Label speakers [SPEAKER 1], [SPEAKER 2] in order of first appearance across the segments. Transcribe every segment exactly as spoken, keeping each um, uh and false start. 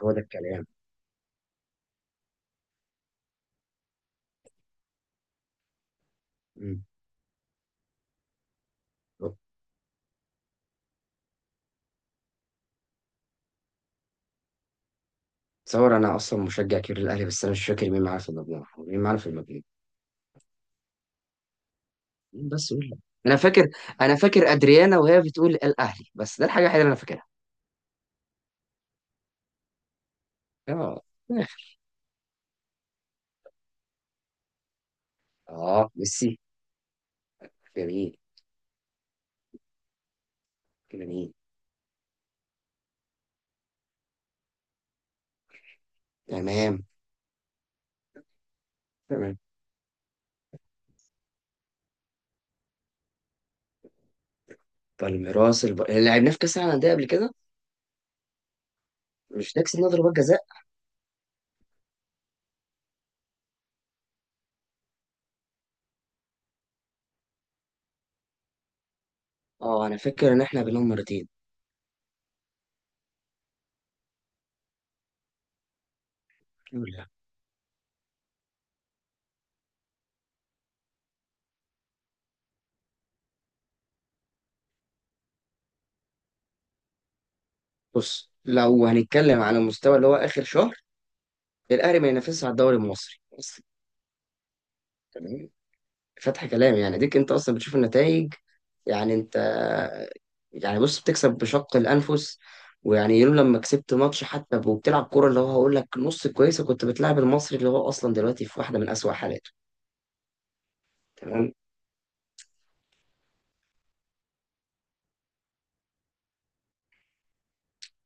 [SPEAKER 1] هو ده الكلام. مم. تصور انا اصلا مشجع كبير للاهلي، بس انا مش فاكر مين معانا في المجموعه، مين معانا في المجموعه مين بس قول لي. انا فاكر انا فاكر ادريانا وهي بتقول الاهلي، بس ده الحاجه الوحيده اللي انا فاكرها. اه. اه ميسي، جميل. جميل. تمام. تمام. بالميراس الب... لعبناه في كاس العالم للانديه قبل كده. مش ده كسبنا ضربات جزاء؟ اه انا فاكر ان احنا بنهم مرتين. الحمد لله. بص، لو هنتكلم على المستوى اللي هو اخر شهر، الاهلي ما ينافسش على الدوري المصري بس. تمام. فتح كلام يعني، ديك انت اصلا بتشوف النتائج. يعني انت يعني بص، بتكسب بشق الانفس. ويعني يوم لما كسبت ماتش حتى وبتلعب كوره اللي هو هقول لك نص كويسه، كنت بتلعب المصري اللي هو اصلا دلوقتي في واحده من اسوأ حالاته. تمام.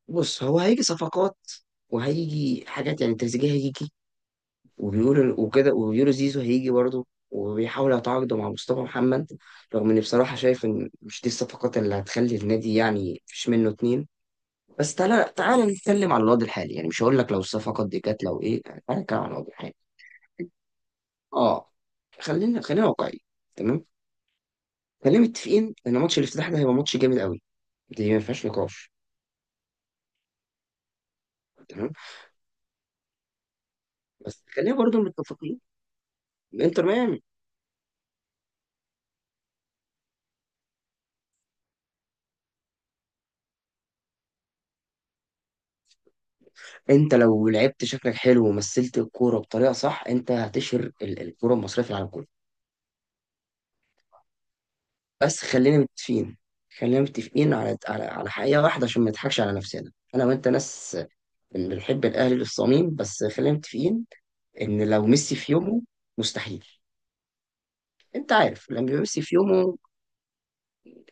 [SPEAKER 1] بص هو هيجي صفقات، وهيجي حاجات، يعني تريزيجيه هيجي وبيقولوا وكده، وبيقولوا زيزو هيجي برضه، وبيحاولوا يتعاقدوا مع مصطفى محمد. رغم اني بصراحه شايف ان مش دي الصفقات اللي هتخلي النادي يعني مفيش منه اتنين. بس تعالى تعالى نتكلم على الوضع الحالي، يعني مش هقول لك لو الصفقات دي كانت لو ايه، يعني تعالى نتكلم على الوضع الحالي. اه. خلينا خلينا واقعيين. تمام. خلينا متفقين ان ماتش الافتتاح ده هيبقى ماتش جامد قوي، دي ما فيهاش نقاش. تمام. بس خلينا برضو متفقين، انتر ميامي. انت لو لعبت شكلك حلو ومثلت الكوره بطريقه صح، انت هتشهر ال- الكوره المصريه في العالم كله. بس خلينا متفقين. خلينا متفقين على على على حقيقه واحده، عشان ما نضحكش على نفسنا. انا وانت ناس بنحب الاهلي للصميم، بس خلينا متفقين ان لو ميسي في يومه، مستحيل. انت عارف لما يبقى ميسي في يومه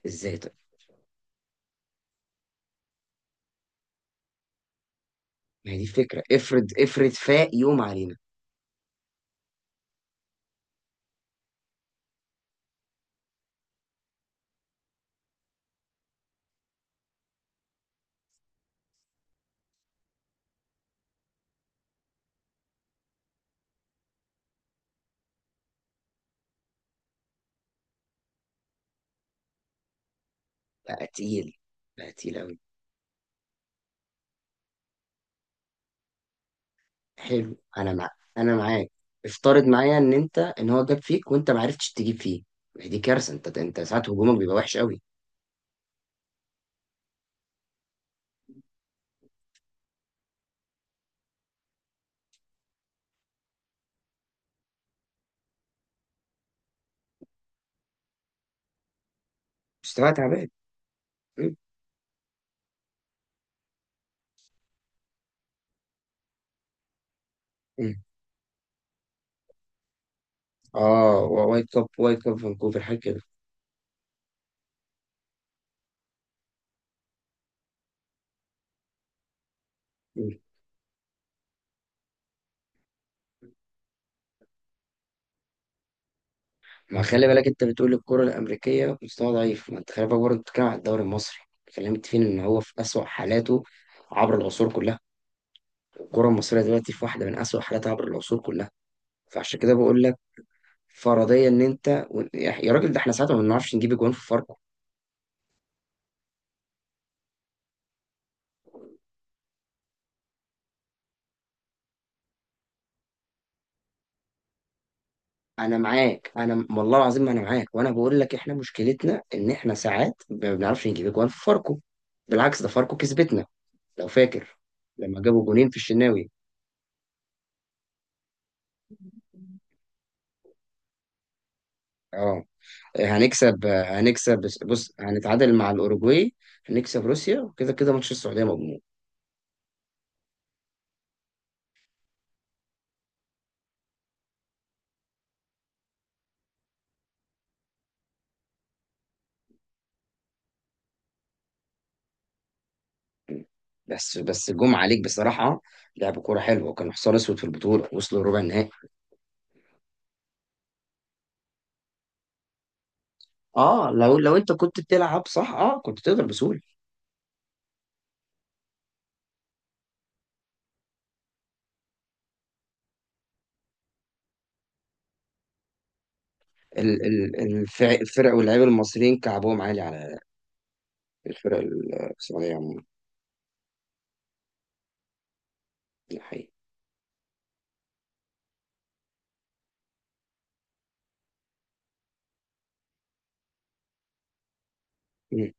[SPEAKER 1] ازاي؟ طيب ما هي دي الفكره، افرض افرض فاق يوم علينا. بقى تقيل. بقى تقيل قوي. حلو انا مع انا معاك. افترض معايا ان انت ان هو جاب فيك وانت ما عرفتش تجيب فيه، ما هي دي كارثه. انت انت ساعات هجومك بيبقى وحش قوي. مستوى تعبان. م- م. اه و- وايت كاب، وايت كاب فانكوفر حاجه كده. ما خلي بالك انت بتقول الكرة الأمريكية في مستوى ضعيف، ما انت خلي بالك برضه بتتكلم على الدوري المصري. كلمت فين ان هو في أسوأ حالاته عبر العصور كلها؟ الكرة المصرية دلوقتي في واحدة من أسوأ حالاتها عبر العصور كلها. فعشان كده بقول لك، فرضيا ان انت و- يا يا راجل، ده احنا ساعتها ما بنعرفش نجيب اجوان في فاركو. انا معاك، انا والله العظيم ما انا معاك، وانا بقول لك احنا مشكلتنا ان احنا ساعات ما بنعرفش نجيب اجوان في فاركو. بالعكس ده فاركو كسبتنا، لو فاكر، لما جابوا جونين في الشناوي. اه هنكسب هنكسب، بص هنتعادل مع الأوروجواي، هنكسب روسيا، كده كده ماتش السعودية مضمون. بس بس جم عليك بصراحة، لعب كورة حلوة وكانوا حصان أسود في البطولة، وصلوا ربع النهائي. اه لو لو انت كنت بتلعب صح، اه كنت تقدر بسهولة. ال- ال- الفرق الفرق واللعيبة المصريين كعبهم عالي على الفرق. السعودية عموما دي حقيقة. مم.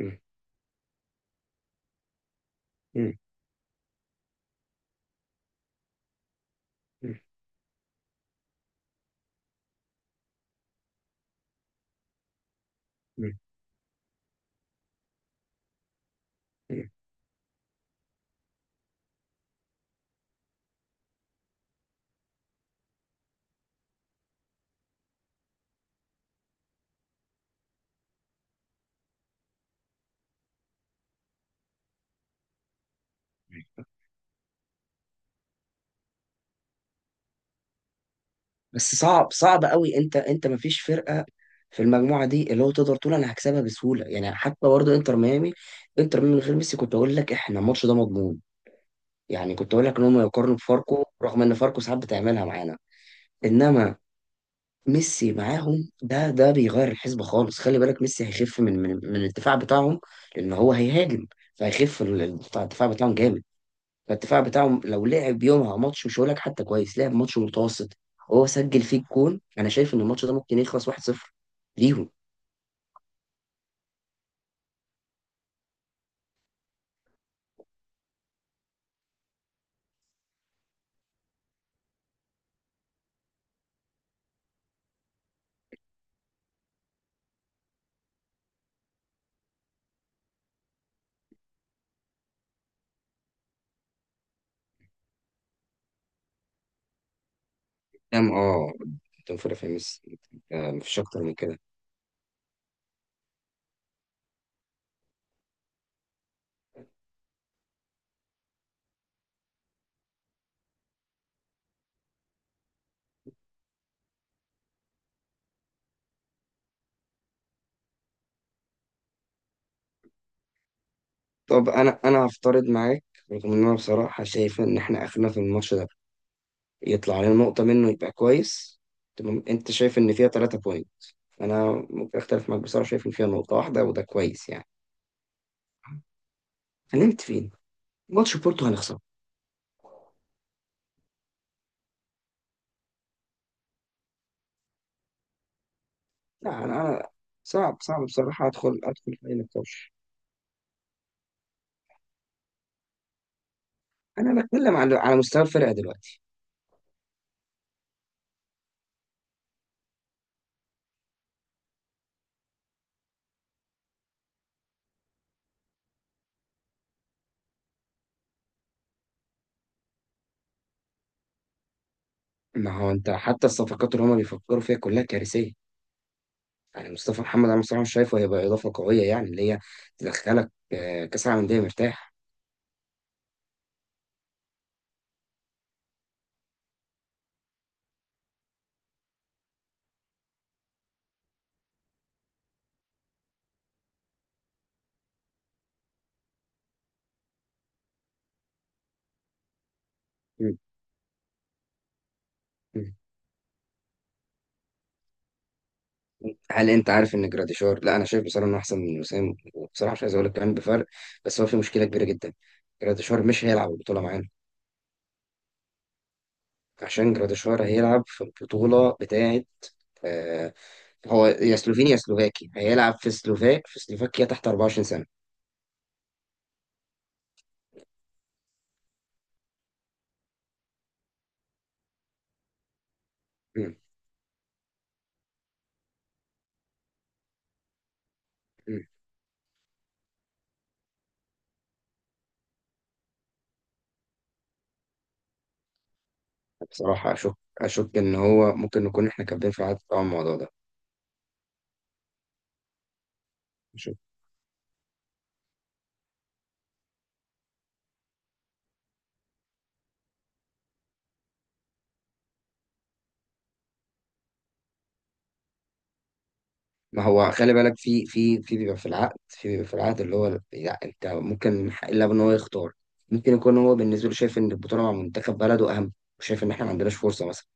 [SPEAKER 1] مم. مم. مم. مم. مم. بس صعب صعب قوي. انت انت ما فيش فرقه في المجموعه دي اللي هو تقدر تقول انا هكسبها بسهوله، يعني حتى برضه انتر ميامي، انتر ميامي من غير ميسي كنت اقول لك احنا الماتش ده مضمون. يعني كنت اقول لك ان هم يقارنوا بفاركو، رغم ان فاركو ساعات بتعملها معانا. انما ميسي معاهم، ده ده بيغير الحسبه خالص. خلي بالك ميسي هيخف من من من الدفاع بتاعهم، لان هو هيهاجم. فهيخف ال- الدفاع بتاعهم جامد. فالدفاع بتاعهم لو لعب يومها ماتش مش هقول لك حتى كويس، لعب ماتش متوسط وهو سجل فيه الجون. انا شايف ان الماتش ده ممكن يخلص واحد صفر ليهم. تمام. اه قدام فيلافينيوس، آه، مفيش اكتر من كده. طب انا انا هفترض معاك، رغم ان انا بصراحه شايف ان احنا اخرنا في الماتش ده، يطلع علينا نقطه منه يبقى كويس. تمام. انت شايف ان فيها ثلاثة بوينت، انا ممكن اختلف معاك، بصراحه شايف ان فيها نقطه واحده وده كويس يعني. هنمت فين؟ ماتش بورتو هنخسر. لا انا أنا صعب صعب بصراحه ادخل ادخل في اي نقاش. انا بتكلم على على مستوى الفرقه دلوقتي. ما هو انت حتى الصفقات اللي هما بيفكروا فيها كلها كارثيه، يعني مصطفى محمد انا بصراحه مش شايفه هيبقى اضافه قويه، يعني اللي هي تدخلك آه، كاس العالم للانديه مرتاح. م- م. هل انت عارف ان جراديشار؟ لا انا شايف بصراحه انه احسن من وسام، وبصراحه مش عايز اقول لك كمان بفرق، بس هو في مشكله كبيره جدا. جراديشار مش هيلعب البطوله معانا، عشان جراديشار هيلعب في البطوله بتاعه، آه، هو يا سلوفيني يا سلوفاكي هيلعب في سلوفاك في سلوفاكيا تحت اربعه وعشرين سنة. مم. مم. بصراحة أشك. أشك إن هو ممكن نكون إحنا كاتبين في العقد طبعا الموضوع ده. أشك. ما هو خلي بالك في في في بيبقى في العقد، في بيبقى في العقد اللي هو لا، أنت ممكن من حق اللاعب إن هو يختار، ممكن يكون هو بالنسبة له شايف إن البطولة مع منتخب بلده أهم، وشايف إن إحنا ما عندناش فرصة مثلا.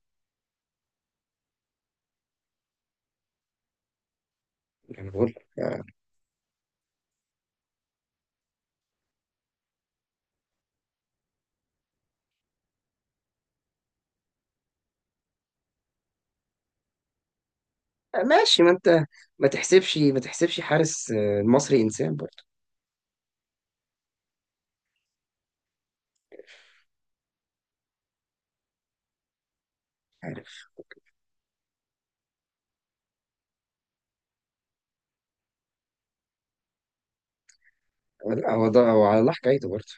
[SPEAKER 1] يعني بقول آه، ماشي. ما أنت ما تحسبش ما تحسبش حارس آه، المصري إنسان برضه. عارف. لا هو ده هو على الله حكايته برضه.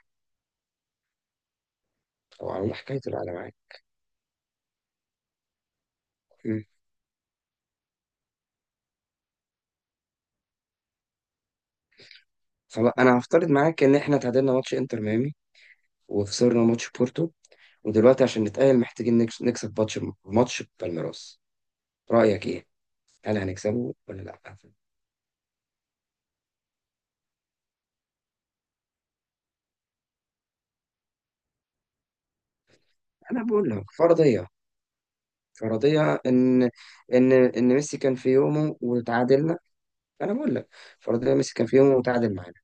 [SPEAKER 1] هو على الله حكايته العالم. مم. خلاص انا هفترض معاك ان احنا تعادلنا ماتش انتر ميامي وخسرنا ماتش بورتو، ودلوقتي عشان نتأهل محتاجين نكس- نكسب ماتش، ماتش بالميراس. رأيك ايه؟ هل هنكسبه ولا لا؟ انا بقول لك فرضية، فرضية ان ان ان ميسي كان في يومه وتعادلنا. انا بقول لك فرضية ميسي كان في يومه وتعادل معانا.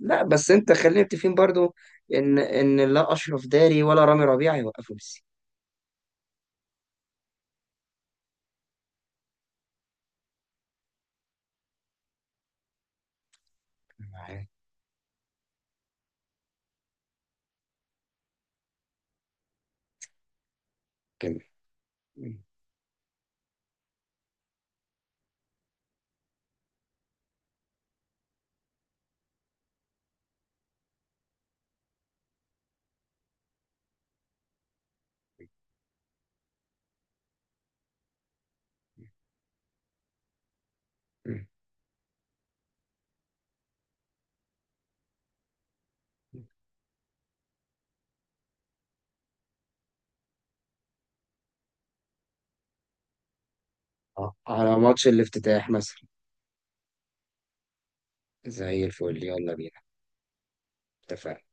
[SPEAKER 1] لا بس انت خلينا متفقين برضو ان ان لا اشرف داري ولا رامي ربيعة يوقفوا ميسي. معاك. كمل. مم. مم. آه، على ماتش الافتتاح مثلا. زي الفل، يلا بينا. اتفقنا.